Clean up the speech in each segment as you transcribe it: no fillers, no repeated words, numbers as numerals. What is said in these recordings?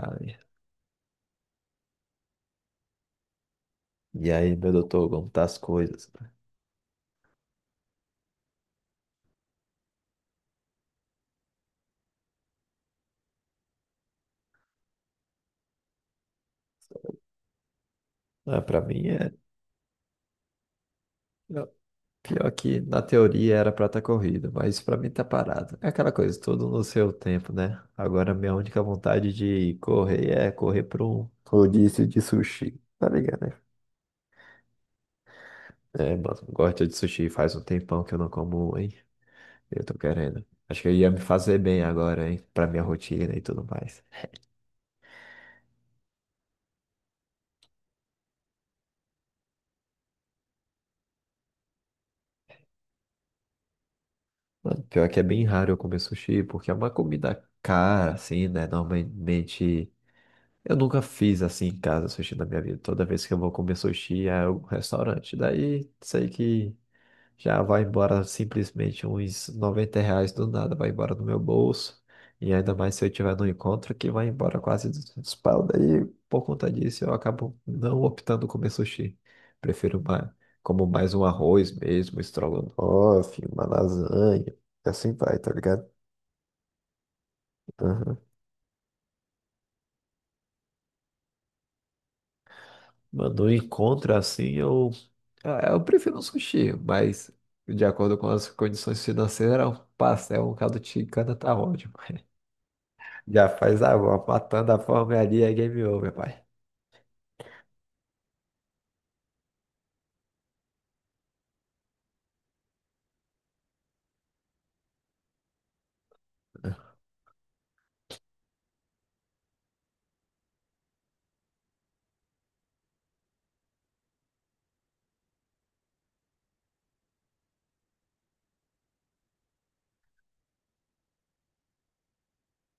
Ai, e aí, meu doutor, como tá as coisas? Ah, para mim é pior que na teoria era pra estar corrido, mas pra mim tá parado. É aquela coisa, tudo no seu tempo, né? Agora minha única vontade de correr é correr para um rodízio de sushi, tá ligado, né? É, mano, gosto de sushi, faz um tempão que eu não como, um, hein? Eu tô querendo. Acho que ia me fazer bem agora, hein? Pra minha rotina e tudo mais. Mano, pior que é bem raro eu comer sushi, porque é uma comida cara, assim, né? Normalmente eu nunca fiz assim em casa sushi na minha vida. Toda vez que eu vou comer sushi é um restaurante. Daí sei que já vai embora simplesmente uns 90 reais do nada, vai embora do meu bolso. E ainda mais se eu tiver no encontro, que vai embora quase 200 pau. Daí, por conta disso, eu acabo não optando comer sushi. Prefiro mais, como mais um arroz mesmo, estrogonofe, uma lasanha. E assim vai, tá ligado? Mano, um encontro assim, eu, ah, eu prefiro um sushi, mas de acordo com as condições financeiras, um pastel, um caldo de cana tá ótimo. Já faz a avó, matando a fome ali, é game over, pai.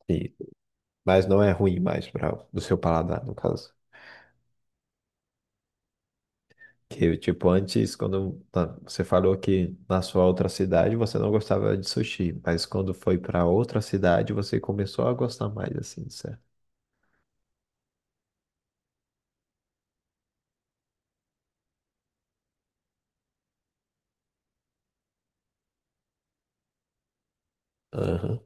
Sim, mas não é ruim mais para o seu paladar, no caso. Que, tipo, antes, quando tá, você falou que na sua outra cidade você não gostava de sushi, mas quando foi para outra cidade você começou a gostar mais, assim, certo? Aham.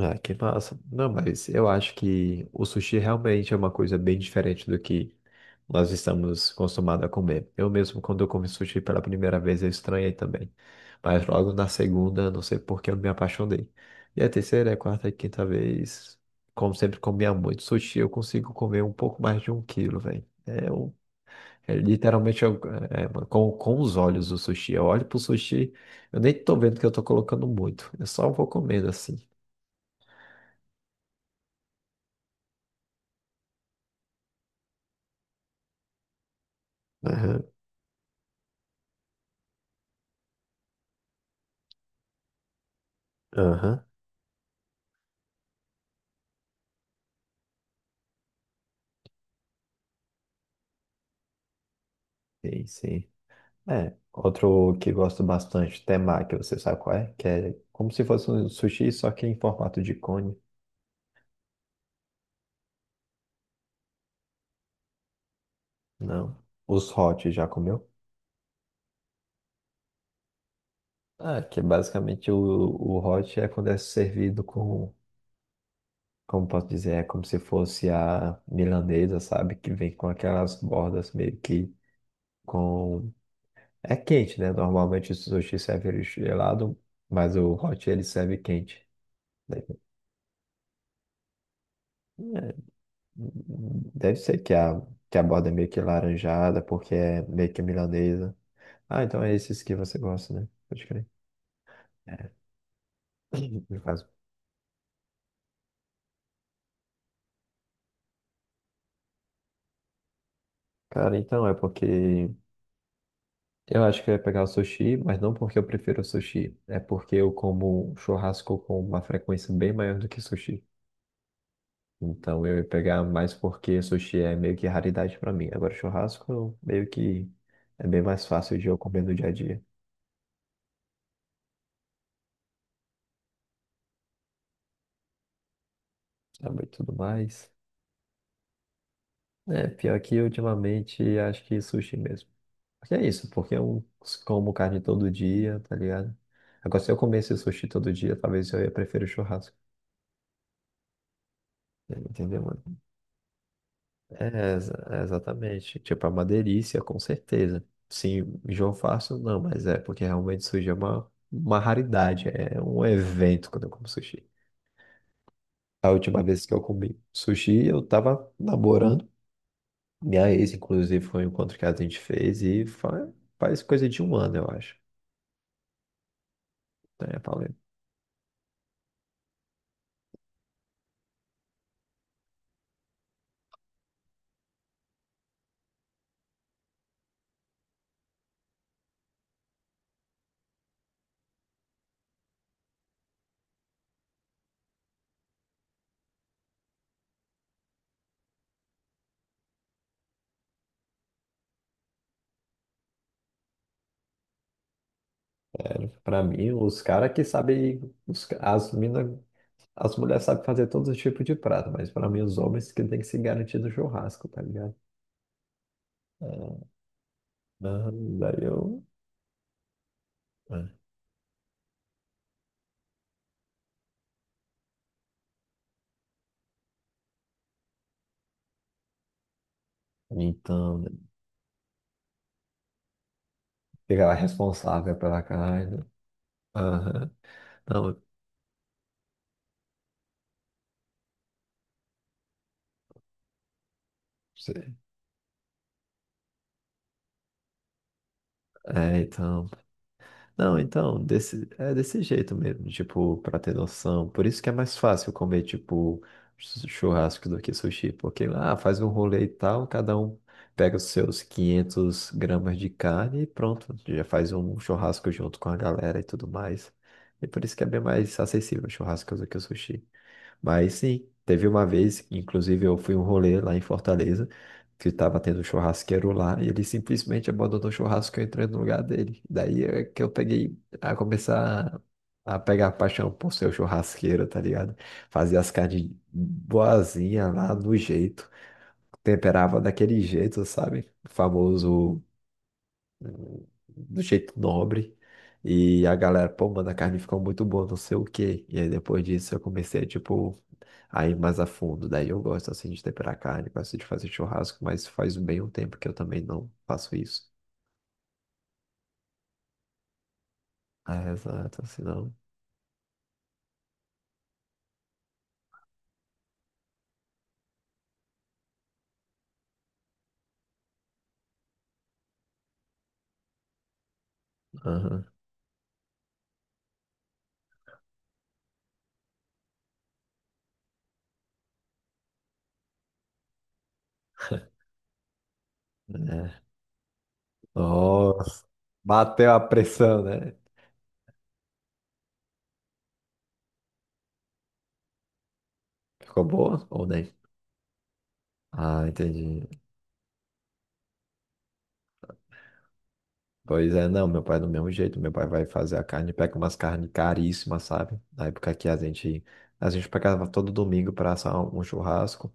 Ah, que massa. Não, mas eu acho que o sushi realmente é uma coisa bem diferente do que nós estamos acostumados a comer. Eu mesmo, quando eu comi sushi pela primeira vez, eu estranhei também. Mas logo na segunda, não sei por que eu me apaixonei. E a terceira, a quarta e quinta vez, como sempre comia muito sushi, eu consigo comer um pouco mais de um quilo, velho. É, um- é literalmente eu- é, mano, com os olhos o sushi. Eu olho pro sushi, eu nem tô vendo que eu tô colocando muito. Eu só vou comendo assim. Aham, sei, sei. É, outro que gosto bastante, temaki, você sabe qual é? Que é como se fosse um sushi, só que em formato de cone. Não. Os hot, já comeu? Ah, que basicamente o hot é quando é servido com, como posso dizer, é como se fosse a milanesa, sabe? Que vem com aquelas bordas meio que com... É quente, né? Normalmente o sushi serve ele gelado, mas o hot ele serve quente. Deve ser que a borda é meio que laranjada, porque é meio que milanesa. Ah, então é esses que você gosta, né? Pode crer. No caso. Cara, então é porque eu acho que eu ia pegar o sushi, mas não porque eu prefiro o sushi. É porque eu como churrasco com uma frequência bem maior do que sushi. Então eu ia pegar mais porque sushi é meio que raridade pra mim. Agora churrasco meio que é bem mais fácil de eu comer no dia a dia, sabe? E tudo mais. É, pior que ultimamente acho que sushi mesmo. Porque é isso, porque eu como carne todo dia, tá ligado? Agora, se eu comesse sushi todo dia, talvez eu ia preferir o churrasco. Entendeu, mano? É, exa- é exatamente. Tipo, é uma delícia, com certeza. Sim, João Fácil não, mas é porque realmente sushi é uma raridade, é um evento quando eu como sushi. A última vez que eu comi sushi, eu tava namorando. Minha ex, inclusive, foi um encontro que a gente fez e fa- faz coisa de 1 ano, eu acho. Né? Pra mim, os caras que sabem, os ca- as mina, as mulheres sabem fazer todos os tipos de prato, mas pra mim, os homens que tem que se garantir no churrasco, tá ligado? É, ah, daí eu. É. Então, né, fica lá responsável pela carne. Aham. Não, você- é, então. Não, então, desse, é desse jeito mesmo, tipo, pra ter noção. Por isso que é mais fácil comer, tipo, chu- churrasco do que sushi, porque lá faz um rolê e tal, cada um pega os seus 500 gramas de carne e pronto, já faz um churrasco junto com a galera e tudo mais. E por isso que é bem mais acessível o churrasco do que o sushi. Mas sim, teve uma vez, inclusive eu fui um rolê lá em Fortaleza, que tava tendo um churrasqueiro lá, e ele simplesmente abandonou o churrasco e eu entrei no lugar dele. Daí é que eu peguei a começar a pegar paixão por ser o churrasqueiro, tá ligado? Fazia as carnes boazinha lá do jeito, temperava daquele jeito, sabe? O famoso do jeito nobre. E a galera, pô, mano, a carne ficou muito boa, não sei o quê. E aí depois disso eu comecei, tipo, a ir mais a fundo. Daí eu gosto, assim, de temperar carne, gosto de fazer churrasco, mas faz bem um tempo que eu também não faço isso. Ah, exato, assim não. Aham. É. Nossa, bateu a pressão, né? Ficou boa ou nem? Ah, entendi. Pois é, não, meu pai é do mesmo jeito, meu pai vai fazer a carne, pega umas carnes caríssimas, sabe? Na época que a gente pegava todo domingo para assar um churrasco,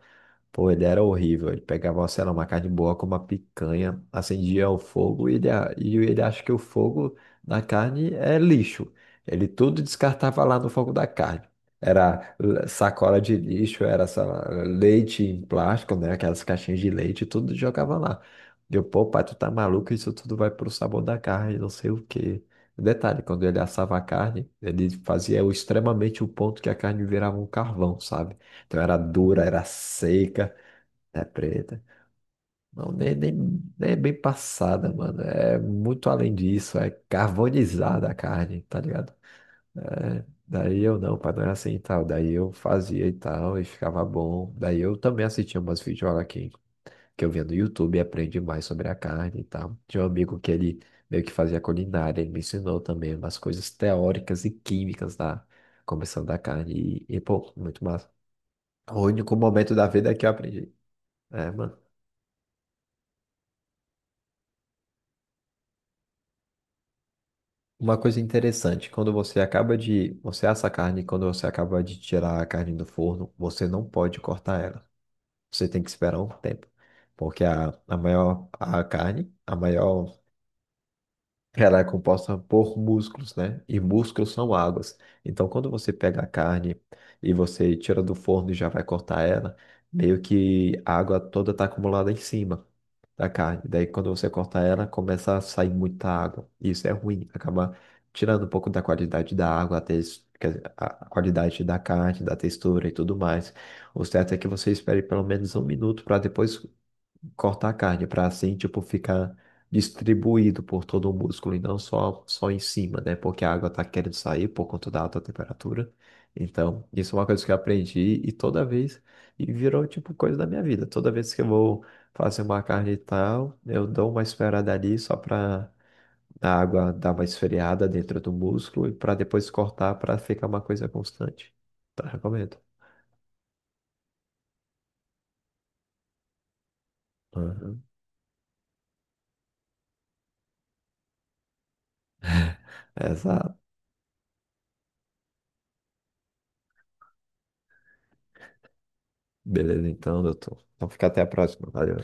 pô, ele era horrível. Ele pegava, sei lá, uma carne boa com uma picanha, acendia o fogo e ele, a- e ele acha que o fogo na carne é lixo. Ele tudo descartava lá no fogo da carne. Era l- sacola de lixo, era sei lá, leite em plástico, né? Aquelas caixinhas de leite, tudo jogava lá. Deu, pô, pai, tu tá maluco? Isso tudo vai pro sabor da carne, não sei o quê. Detalhe, quando ele assava a carne, ele fazia o- extremamente o ponto que a carne virava um carvão, sabe? Então era dura, era seca. É preta. Não, nem é bem passada, mano. É muito além disso. É carbonizada a carne, tá ligado? É, daí eu não, pra não é assim e tal. Daí eu fazia e tal, e ficava bom. Daí eu também assistia umas videoaulas aqui, que eu via no YouTube e aprendi mais sobre a carne e tal. Tinha um amigo que ele meio que fazia culinária, ele me ensinou também umas coisas teóricas e químicas da composição da carne. E pô, muito massa. O único momento da vida que eu aprendi. É, mano. Uma coisa interessante, quando você acaba de, você assa a carne, quando você acaba de tirar a carne do forno, você não pode cortar ela. Você tem que esperar um tempo, porque a maior a carne, a maior, ela é composta por músculos, né? E músculos são águas. Então, quando você pega a carne e você tira do forno e já vai cortar ela, meio que a água toda está acumulada em cima da carne. Daí, quando você corta ela, começa a sair muita água. E isso é ruim, acaba tirando um pouco da qualidade da água, a, tes- quer dizer, a qualidade da carne, da textura e tudo mais. O certo é que você espere pelo menos 1 minuto para depois cortar a carne, para assim, tipo, ficar distribuído por todo o músculo e não só, só em cima, né? Porque a água tá querendo sair por conta da alta temperatura. Então, isso é uma coisa que eu aprendi e toda vez, e virou, tipo, coisa da minha vida. Toda vez que eu vou fazer uma carne e tal, eu dou uma esfriada ali só para a água dar uma esfriada dentro do músculo e para depois cortar para ficar uma coisa constante. Tá, recomendo. Uhum. Exato. Beleza, então, doutor. Então, fica até a próxima. Valeu.